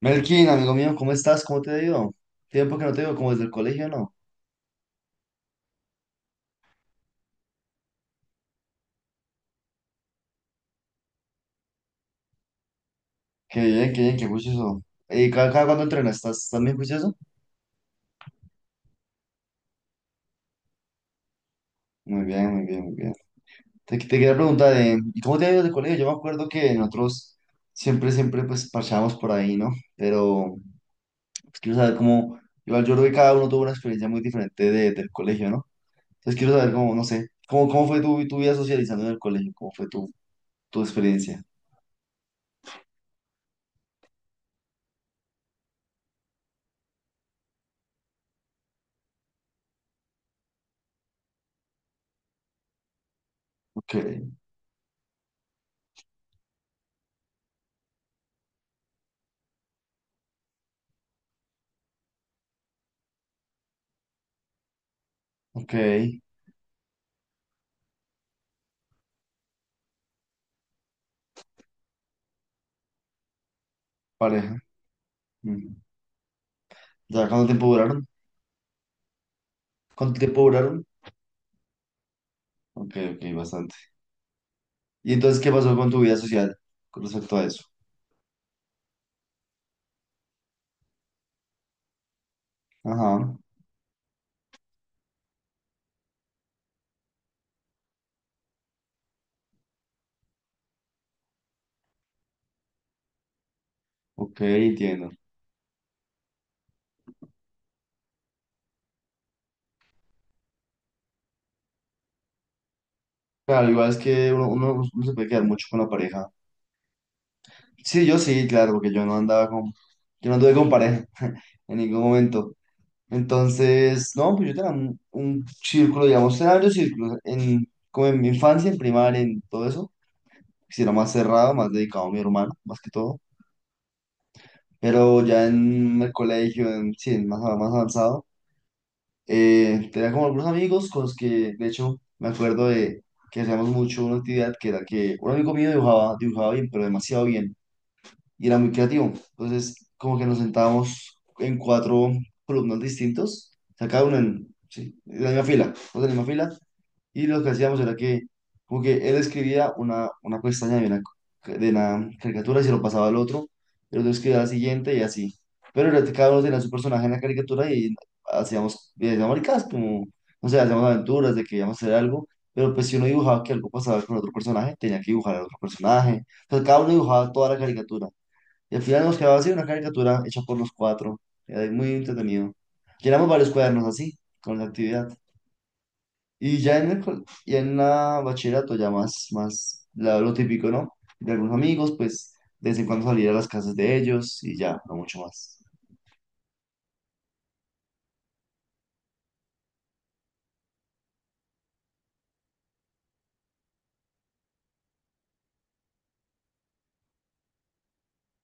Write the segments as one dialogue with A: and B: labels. A: Melkin, amigo mío, ¿cómo estás? ¿Cómo te ha ido? Tiempo que no te veo, como desde el colegio, ¿no? Qué bien, qué bien, qué juicioso. ¿Y cada cuándo entrenas? ¿Estás también juicioso? Muy bien, muy bien, muy bien. Te quería preguntar, ¿y cómo te ha ido desde el colegio? Yo me acuerdo que nosotros siempre, pues, parchábamos por ahí, ¿no? Pero pues, quiero saber cómo, igual yo creo que cada uno tuvo una experiencia muy diferente del colegio, ¿no? Entonces quiero saber cómo, no sé, cómo fue tu vida socializando en el colegio, cómo fue tu, tu experiencia. Ok, ok, pareja. Mm. ¿Ya cuánto tiempo duraron? ¿Cuánto tiempo duraron? Ok, ok, bastante. ¿Y entonces qué pasó con tu vida social con respecto a eso? Ajá, ok, entiendo. Claro, igual es que uno se puede quedar mucho con la pareja. Sí, yo sí, claro, porque yo no andaba con, yo no anduve con pareja en ningún momento. Entonces, no, pues yo tenía un círculo, digamos, tenía varios círculos, en, como en mi infancia, en primaria, en todo eso, si era más cerrado, más dedicado a mi hermano, más que todo. Pero ya en el colegio, en, sí, en más, más avanzado. Tenía como algunos amigos con los que, de hecho, me acuerdo de que hacíamos mucho una actividad que era que un amigo mío dibujaba bien, pero demasiado bien, y era muy creativo. Entonces, como que nos sentábamos en cuatro columnas distintos, o sea, cada uno en, sí, en la misma fila, todos en la misma fila, y lo que hacíamos era que, como que él escribía una pestaña de de una caricatura y se lo pasaba al otro, y el otro escribía la siguiente y así. Cada uno tenía su personaje en la caricatura y hacíamos maricadas, como, no sé, hacíamos aventuras de que íbamos a hacer algo, pero pues si uno dibujaba que algo pasaba con otro personaje, tenía que dibujar al otro personaje. Entonces cada uno dibujaba toda la caricatura. Y al final nos quedaba así una caricatura hecha por los cuatro. Era muy entretenido. Llenamos varios cuadernos así, con la actividad. Y ya en el, col- y en la bachillerato ya más lo típico, ¿no? De algunos amigos, pues de vez en cuando salir a las casas de ellos y ya, no mucho más.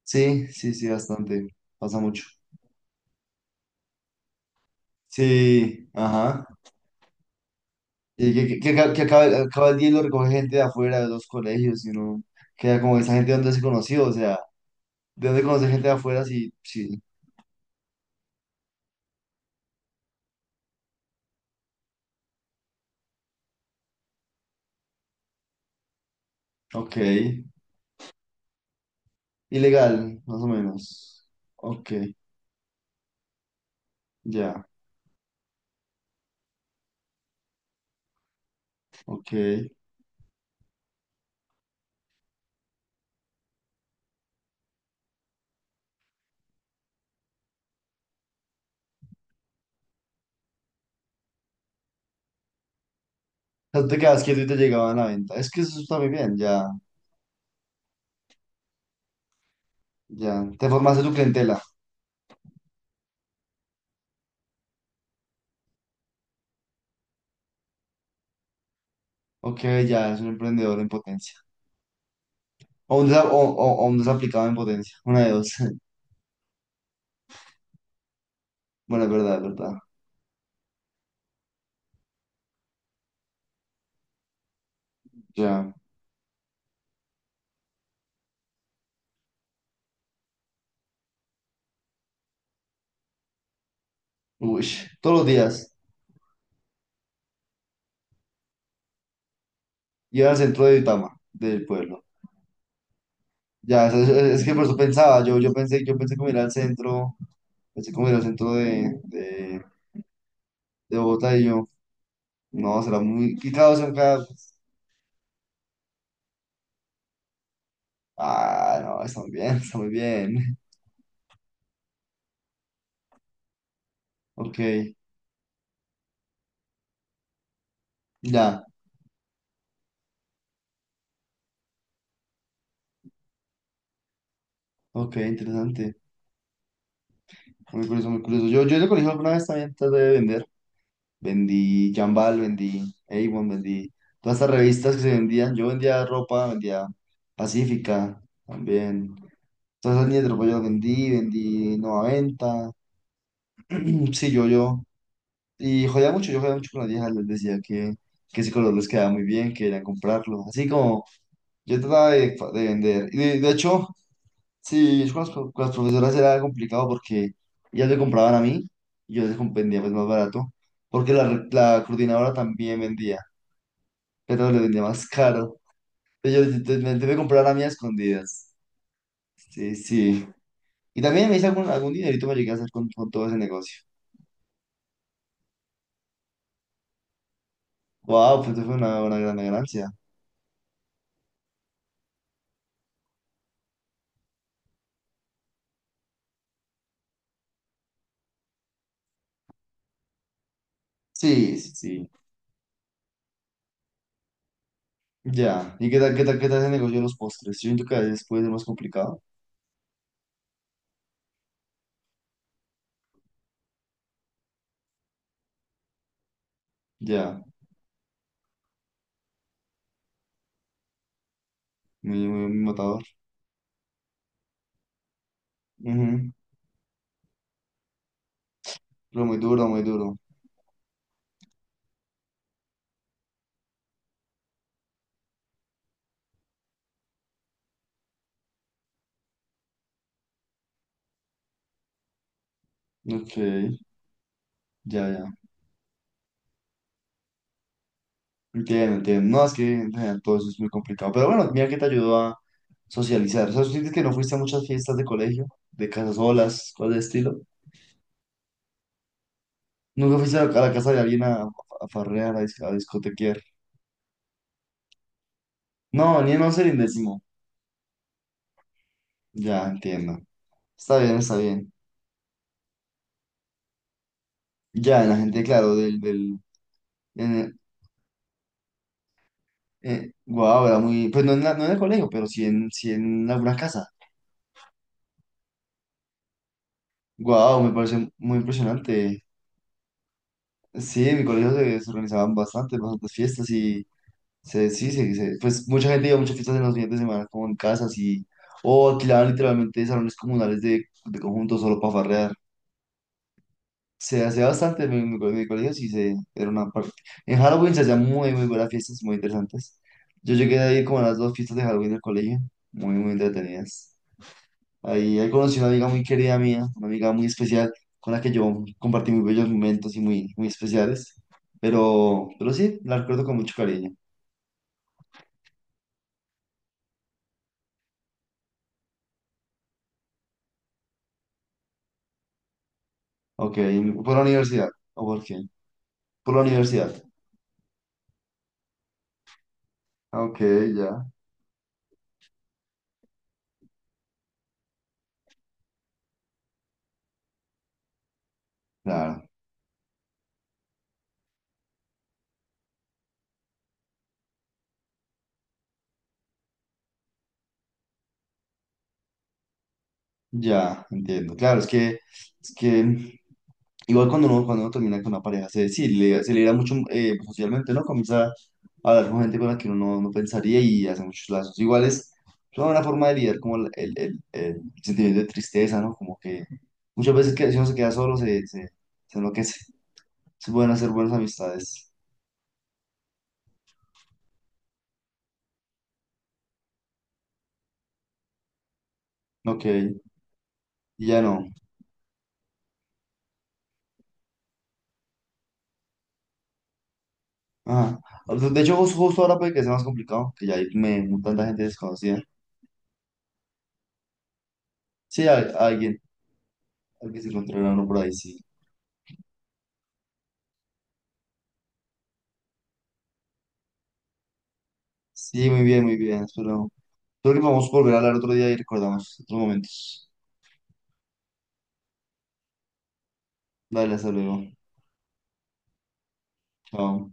A: Sí, sí, sí, bastante. Pasa mucho. Sí, ajá. Y que acaba, acaba el día y lo recoge gente de afuera de los colegios y uno queda como esa gente de donde se conoció, o sea, de dónde conoce gente de afuera, sí, sí. Ok. Ilegal, más o menos. Ok, ya, ok. Sea, tú te quedabas quieto y te llegaban a la venta. Es que eso está muy bien, ya, ya. Te formaste tu clientela. Ok, ya, es un emprendedor en potencia. O un, desa- o un desaplicado en potencia. Una de dos. Bueno, es verdad, es verdad. Ya. Uy, todos los días. Iba al centro de Duitama, del pueblo. Ya, es que por eso pensaba. Yo pensé, yo pensé como ir al centro. Pensé como ir al centro de Bogotá y yo. No, será muy. Y claro, son cada- Ah, no, está muy bien, está muy bien. Ok, ya. Ok, interesante. Muy curioso, muy curioso. Yo en el colegio alguna vez también traté de vender. Vendí Jambal, vendí Avon, vendí todas estas revistas que se vendían. Yo vendía ropa, vendía Pacífica también. Todas esas líneas de ropa yo las vendí, vendí Nueva Venta. Sí, yo. Y jodía mucho, yo jodía mucho con las viejas. Les decía que ese color les quedaba muy bien, que querían comprarlo. Así como yo trataba de vender. Y de hecho... Sí, yo con con las profesoras era complicado porque ellas me compraban a mí y yo vendía pues más barato, porque la coordinadora también vendía, pero le vendía más caro. Entonces me debe comprar a mí a escondidas. Sí, sí. Y también me hice algún dinerito me llegué a hacer con todo ese negocio. Wow, pues eso fue una gran ganancia. Sí, sí, sí. Ya. ¿Y qué tal ese negocio de los postres? Yo siento que a veces puede ser más complicado. Ya. Muy matador. Ujú. Pero muy duro, muy duro. Ok, ya, ya. Entiendo, entiendo. No, es que en general todo eso es muy complicado. Pero bueno, mira que te ayudó a socializar. O sea, ¿tú sientes que no fuiste a muchas fiestas de colegio, de casas solas, cosas de estilo? ¿Nunca fuiste a la casa de alguien a farrear, a, a discotequear? No, ni en once ni en décimo. Ya, entiendo. Está bien, está bien. Ya, en la gente, claro, en el- guau, era muy, pues no en, no en el colegio, pero sí en, sí en alguna casa. Guau, me parece muy impresionante. Sí, en mi colegio se organizaban bastantes, bastantes fiestas. Se, sí, se- Pues mucha gente iba a muchas fiestas en los fines de semana, como en casas y, o alquilaban literalmente salones comunales de conjuntos solo para farrear. Se hacía bastante en mi, mi colegio, sí, se, era una parte. En Halloween se hacían muy, muy buenas fiestas, muy interesantes. Yo llegué a ir como a las dos fiestas de Halloween del colegio, muy, muy entretenidas. Ahí conocí una amiga muy querida mía, una amiga muy especial, con la que yo compartí muy bellos momentos y muy, muy especiales. Pero sí, la recuerdo con mucho cariño. Ok, ¿por la universidad? ¿O por qué? Por la universidad. Ah, ok, ya. Claro, ya, entiendo. Claro, es que igual cuando uno termina con una pareja, se, sí, se libera mucho socialmente, ¿no? Comienza a hablar con gente con la que uno no, no pensaría y hace muchos lazos. Igual es una forma de lidiar como el sentimiento de tristeza, ¿no? Como que muchas veces que si uno se queda solo, se enloquece. Se pueden hacer buenas amistades. Ok, y ya no. Ajá. De hecho, justo justo ahora puede que sea más complicado, que ya hay me, tanta gente desconocida. Sí, a alguien, al que se encontrará uno por ahí, sí. Sí, muy bien, muy bien. Espero, espero que podamos volver a hablar otro día y recordamos otros momentos. Dale, hasta luego. Chao.